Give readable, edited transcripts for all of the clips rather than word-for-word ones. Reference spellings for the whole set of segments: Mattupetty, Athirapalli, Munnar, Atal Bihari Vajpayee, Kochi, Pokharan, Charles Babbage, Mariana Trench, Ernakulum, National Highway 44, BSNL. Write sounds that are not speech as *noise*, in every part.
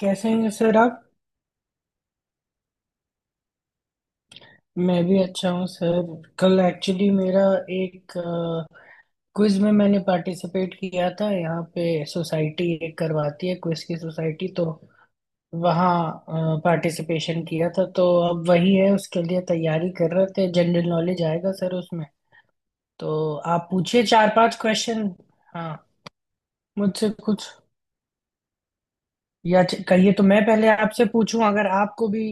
कैसे हैं सर आप। मैं भी अच्छा हूँ सर। कल एक्चुअली मेरा एक क्विज में मैंने पार्टिसिपेट किया था यहाँ पे। सोसाइटी एक करवाती है क्विज की सोसाइटी, तो वहाँ पार्टिसिपेशन किया था, तो अब वही है, उसके लिए तैयारी कर रहे थे। जनरल नॉलेज आएगा सर उसमें। तो आप पूछिए चार पांच क्वेश्चन। हाँ, मुझसे कुछ कहिए, तो मैं पहले आपसे पूछूं अगर आपको भी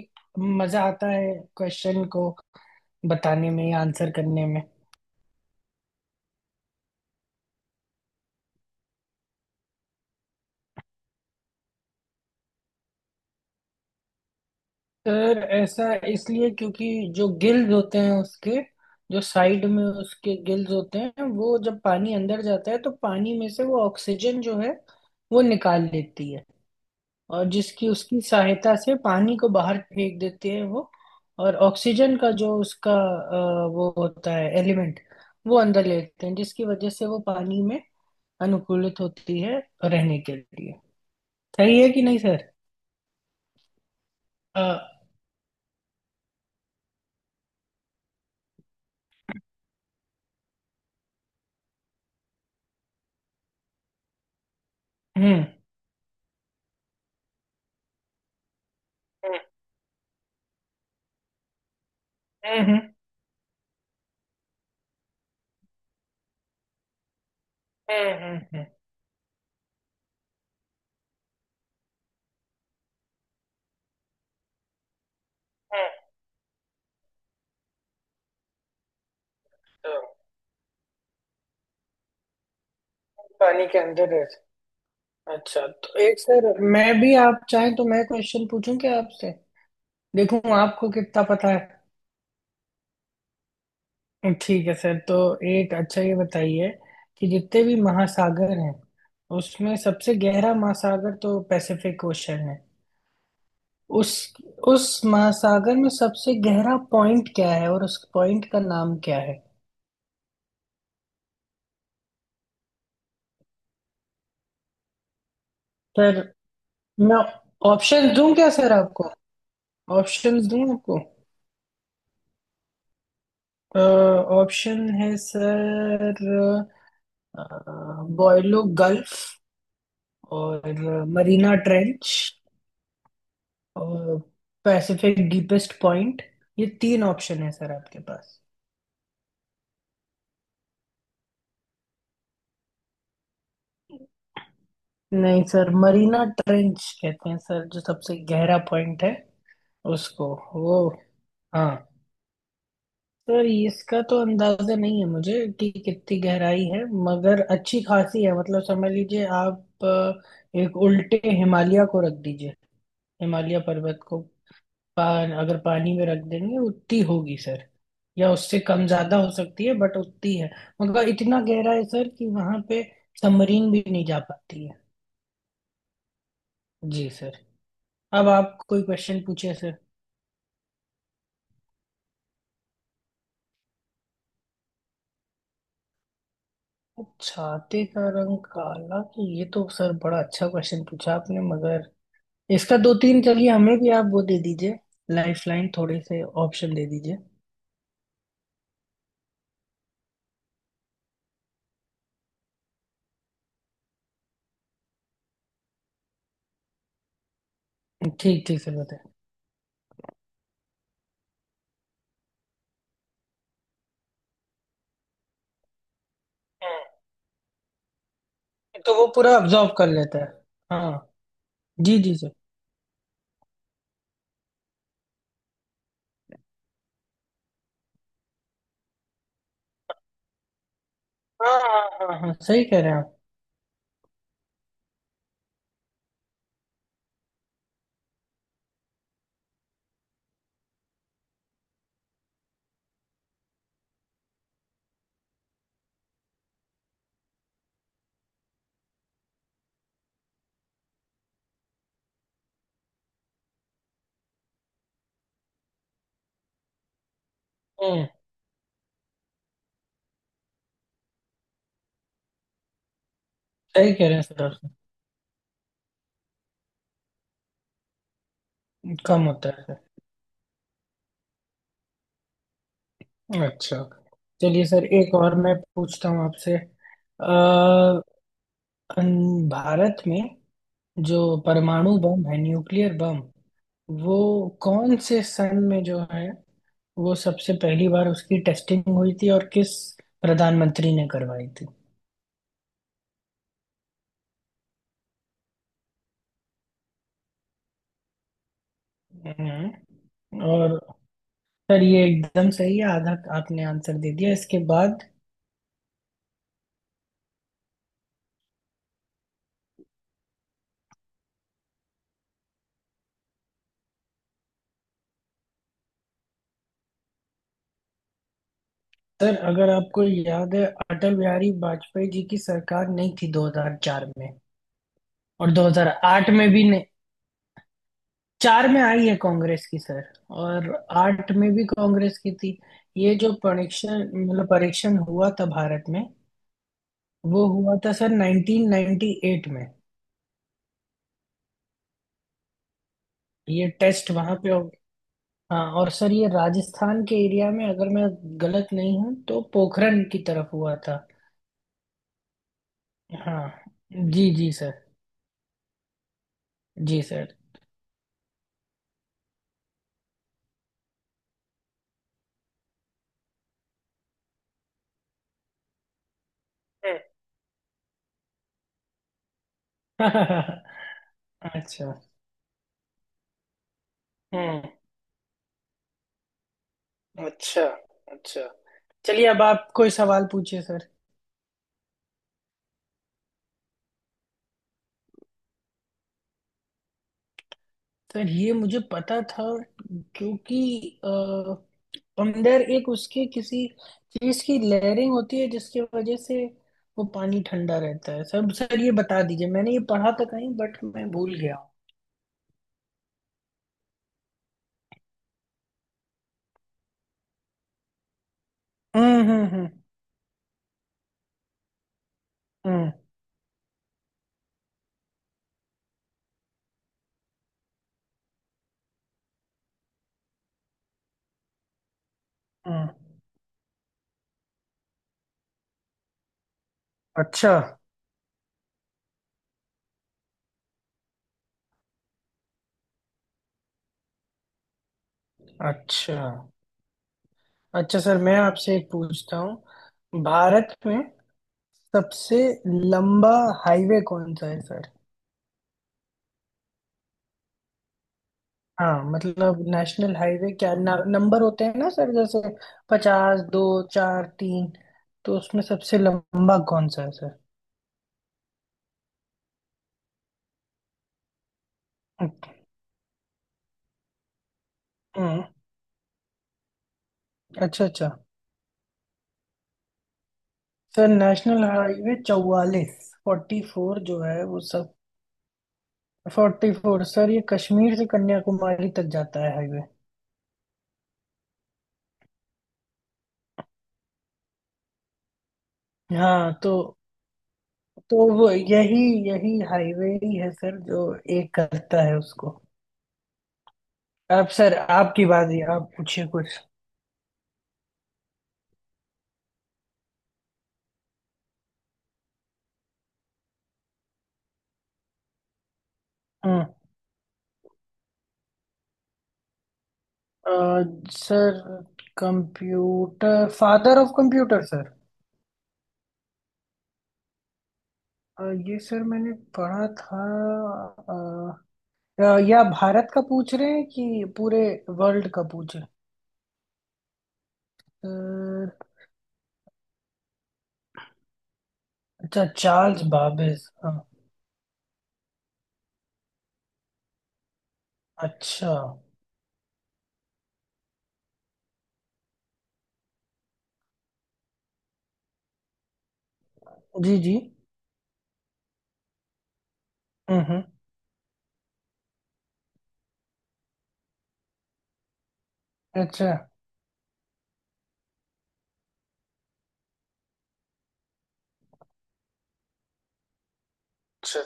मजा आता है क्वेश्चन को बताने में या आंसर करने में। सर ऐसा इसलिए क्योंकि जो गिल्स होते हैं उसके, जो साइड में उसके गिल्स होते हैं, वो जब पानी अंदर जाता है तो पानी में से वो ऑक्सीजन जो है वो निकाल लेती है। और जिसकी उसकी सहायता से पानी को बाहर फेंक देती है वो। और ऑक्सीजन का जो उसका वो होता है एलिमेंट, वो अंदर लेते हैं जिसकी वजह से वो पानी में अनुकूलित होती है रहने के लिए। सही है कि नहीं सर? अ, हम्म, हम्म, हम्म, हम्म, हम्म, हम्म। पानी के अंदर है। अच्छा, तो एक सर मैं भी, आप चाहें तो मैं क्वेश्चन पूछूं क्या आपसे? देखूं आपको कितना पता है। ठीक है सर, तो एक अच्छा ये बताइए कि जितने भी महासागर हैं उसमें सबसे गहरा महासागर तो पैसिफिक ओशन है। उस उस महासागर में सबसे गहरा पॉइंट क्या है और उस पॉइंट का नाम क्या है? सर मैं ऑप्शन दूं क्या सर आपको? ऑप्शंस दूं आपको। ऑप्शन है सर। बॉयलो गल्फ, और मरीना ट्रेंच, और पैसिफिक डीपेस्ट पॉइंट। ये तीन ऑप्शन है सर आपके पास। नहीं सर, मरीना ट्रेंच कहते हैं सर जो सबसे गहरा पॉइंट है। उसको वो, हाँ सर, इसका तो अंदाजा नहीं है मुझे कि कितनी गहराई है, मगर अच्छी खासी है। मतलब समझ लीजिए आप, एक उल्टे हिमालय को रख दीजिए। हिमालय पर्वत को पान, अगर पानी में रख देंगे उतनी होगी सर। या उससे कम ज्यादा हो सकती है, बट उतनी है। मगर इतना गहरा है सर कि वहां पे सबमरीन भी नहीं जा पाती है। जी सर। अब आप कोई क्वेश्चन पूछे सर। छाते का रंग काला, तो ये तो सर बड़ा अच्छा क्वेश्चन पूछा आपने, मगर इसका दो तीन, चलिए हमें भी आप वो दे दीजिए। लाइफ लाइन, थोड़े से ऑप्शन दे दीजिए। ठीक ठीक सर, बताए। तो वो पूरा अब्जॉर्ब कर लेता है, हाँ। जी जी सर। हाँ हाँ, हाँ हाँ, सही कह रहे हैं आप। हम्म। सही कह रहे हैं सर आप। कम होता है सर। अच्छा। चलिए सर, एक और मैं पूछता हूँ आपसे। भारत में जो परमाणु बम है, न्यूक्लियर बम, वो कौन से सन में जो है, वो सबसे पहली बार उसकी टेस्टिंग हुई थी, और किस प्रधानमंत्री ने करवाई थी? हम्म, और सर ये एकदम सही है, आधा आपने आंसर दे दिया इसके बाद। सर अगर आपको याद है, अटल बिहारी वाजपेयी जी की सरकार नहीं थी 2004 में, और 2008 में भी नहीं। चार में आई है कांग्रेस की सर, और आठ में भी कांग्रेस की थी। ये जो परीक्षण, मतलब परीक्षण हुआ था भारत में, वो हुआ था सर 1998 में। ये टेस्ट वहां पे हो, हाँ, और सर ये राजस्थान के एरिया में, अगर मैं गलत नहीं हूँ, तो पोखरण की तरफ हुआ था। हाँ जी जी सर। जी सर। *laughs* अच्छा। हम्म। अच्छा। अच्छा। चलिए अब आप कोई सवाल पूछिए सर। सर ये मुझे पता था क्योंकि अ, अंदर एक उसके किसी चीज की लेयरिंग होती है जिसकी वजह से वो पानी ठंडा रहता है। सब सर ये बता दीजिए, मैंने ये पढ़ा था कहीं, बट मैं भूल गया हूँ। हम्म, हम्म, हम्म, हम्म, हम्म। अच्छा अच्छा। अच्छा सर, मैं आपसे एक पूछता हूँ, भारत में सबसे लंबा हाईवे कौन सा है सर? हाँ, मतलब नेशनल हाईवे क्या न, नंबर होते हैं ना सर, जैसे पचास दो, चार तीन। तो उसमें सबसे लंबा कौन सा है सर? हम्म। अच्छा अच्छा। सर नेशनल हाईवे चौवालीस, फोर्टी फोर जो है वो सब। फोर्टी फोर सर, ये कश्मीर से कन्याकुमारी तक जाता है हाईवे। हाँ, तो वो यही यही हाईवे ही है सर जो एक करता है उसको। अब सर आपकी बारी, आप पूछिए कुछ। हम्म। Sir computer, father of computer sir. ये सर मैंने पढ़ा था। अ, या भारत का पूछ रहे हैं कि पूरे वर्ल्ड का पूछ रहे हैं? अच्छा, चार्ल्स बाबेज, हाँ। अच्छा। जी जी। हम्म, अच्छा अच्छा।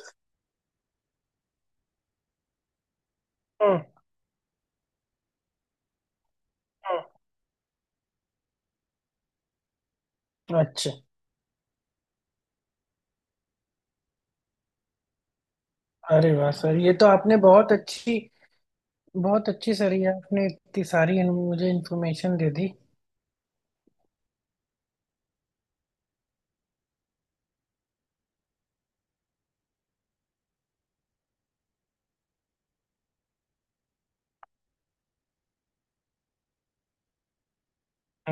हम्म, हम्म, अच्छा। अरे वाह सर, ये तो आपने बहुत अच्छी, बहुत अच्छी सर, ये आपने इतनी सारी मुझे इन्फॉर्मेशन दे दी।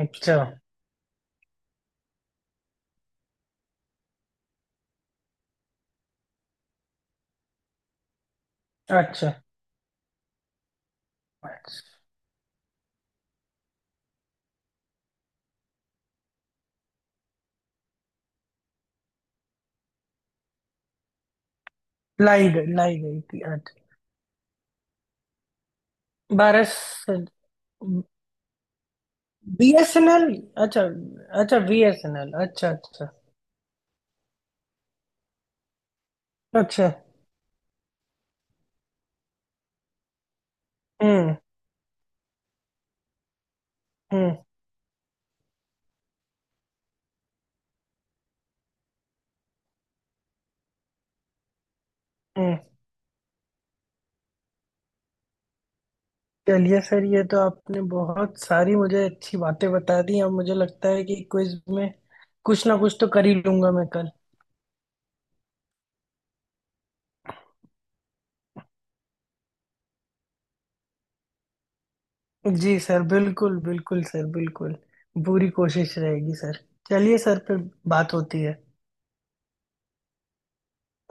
अच्छा अच्छा अच्छा। लाई गई, लाई गई थी, अच्छा। बारह। बीएसएनएल, अच्छा अच्छा। बीएसएनएल, अच्छा अच्छा अच्छा। हम्म, हम्म, हम्म। चलिए सर, ये तो आपने बहुत सारी मुझे अच्छी बातें बता दी, अब मुझे लगता है कि क्विज में कुछ ना कुछ तो कर ही लूंगा मैं कल। जी सर, बिल्कुल बिल्कुल सर, बिल्कुल, पूरी कोशिश रहेगी सर। चलिए सर, फिर बात होती है।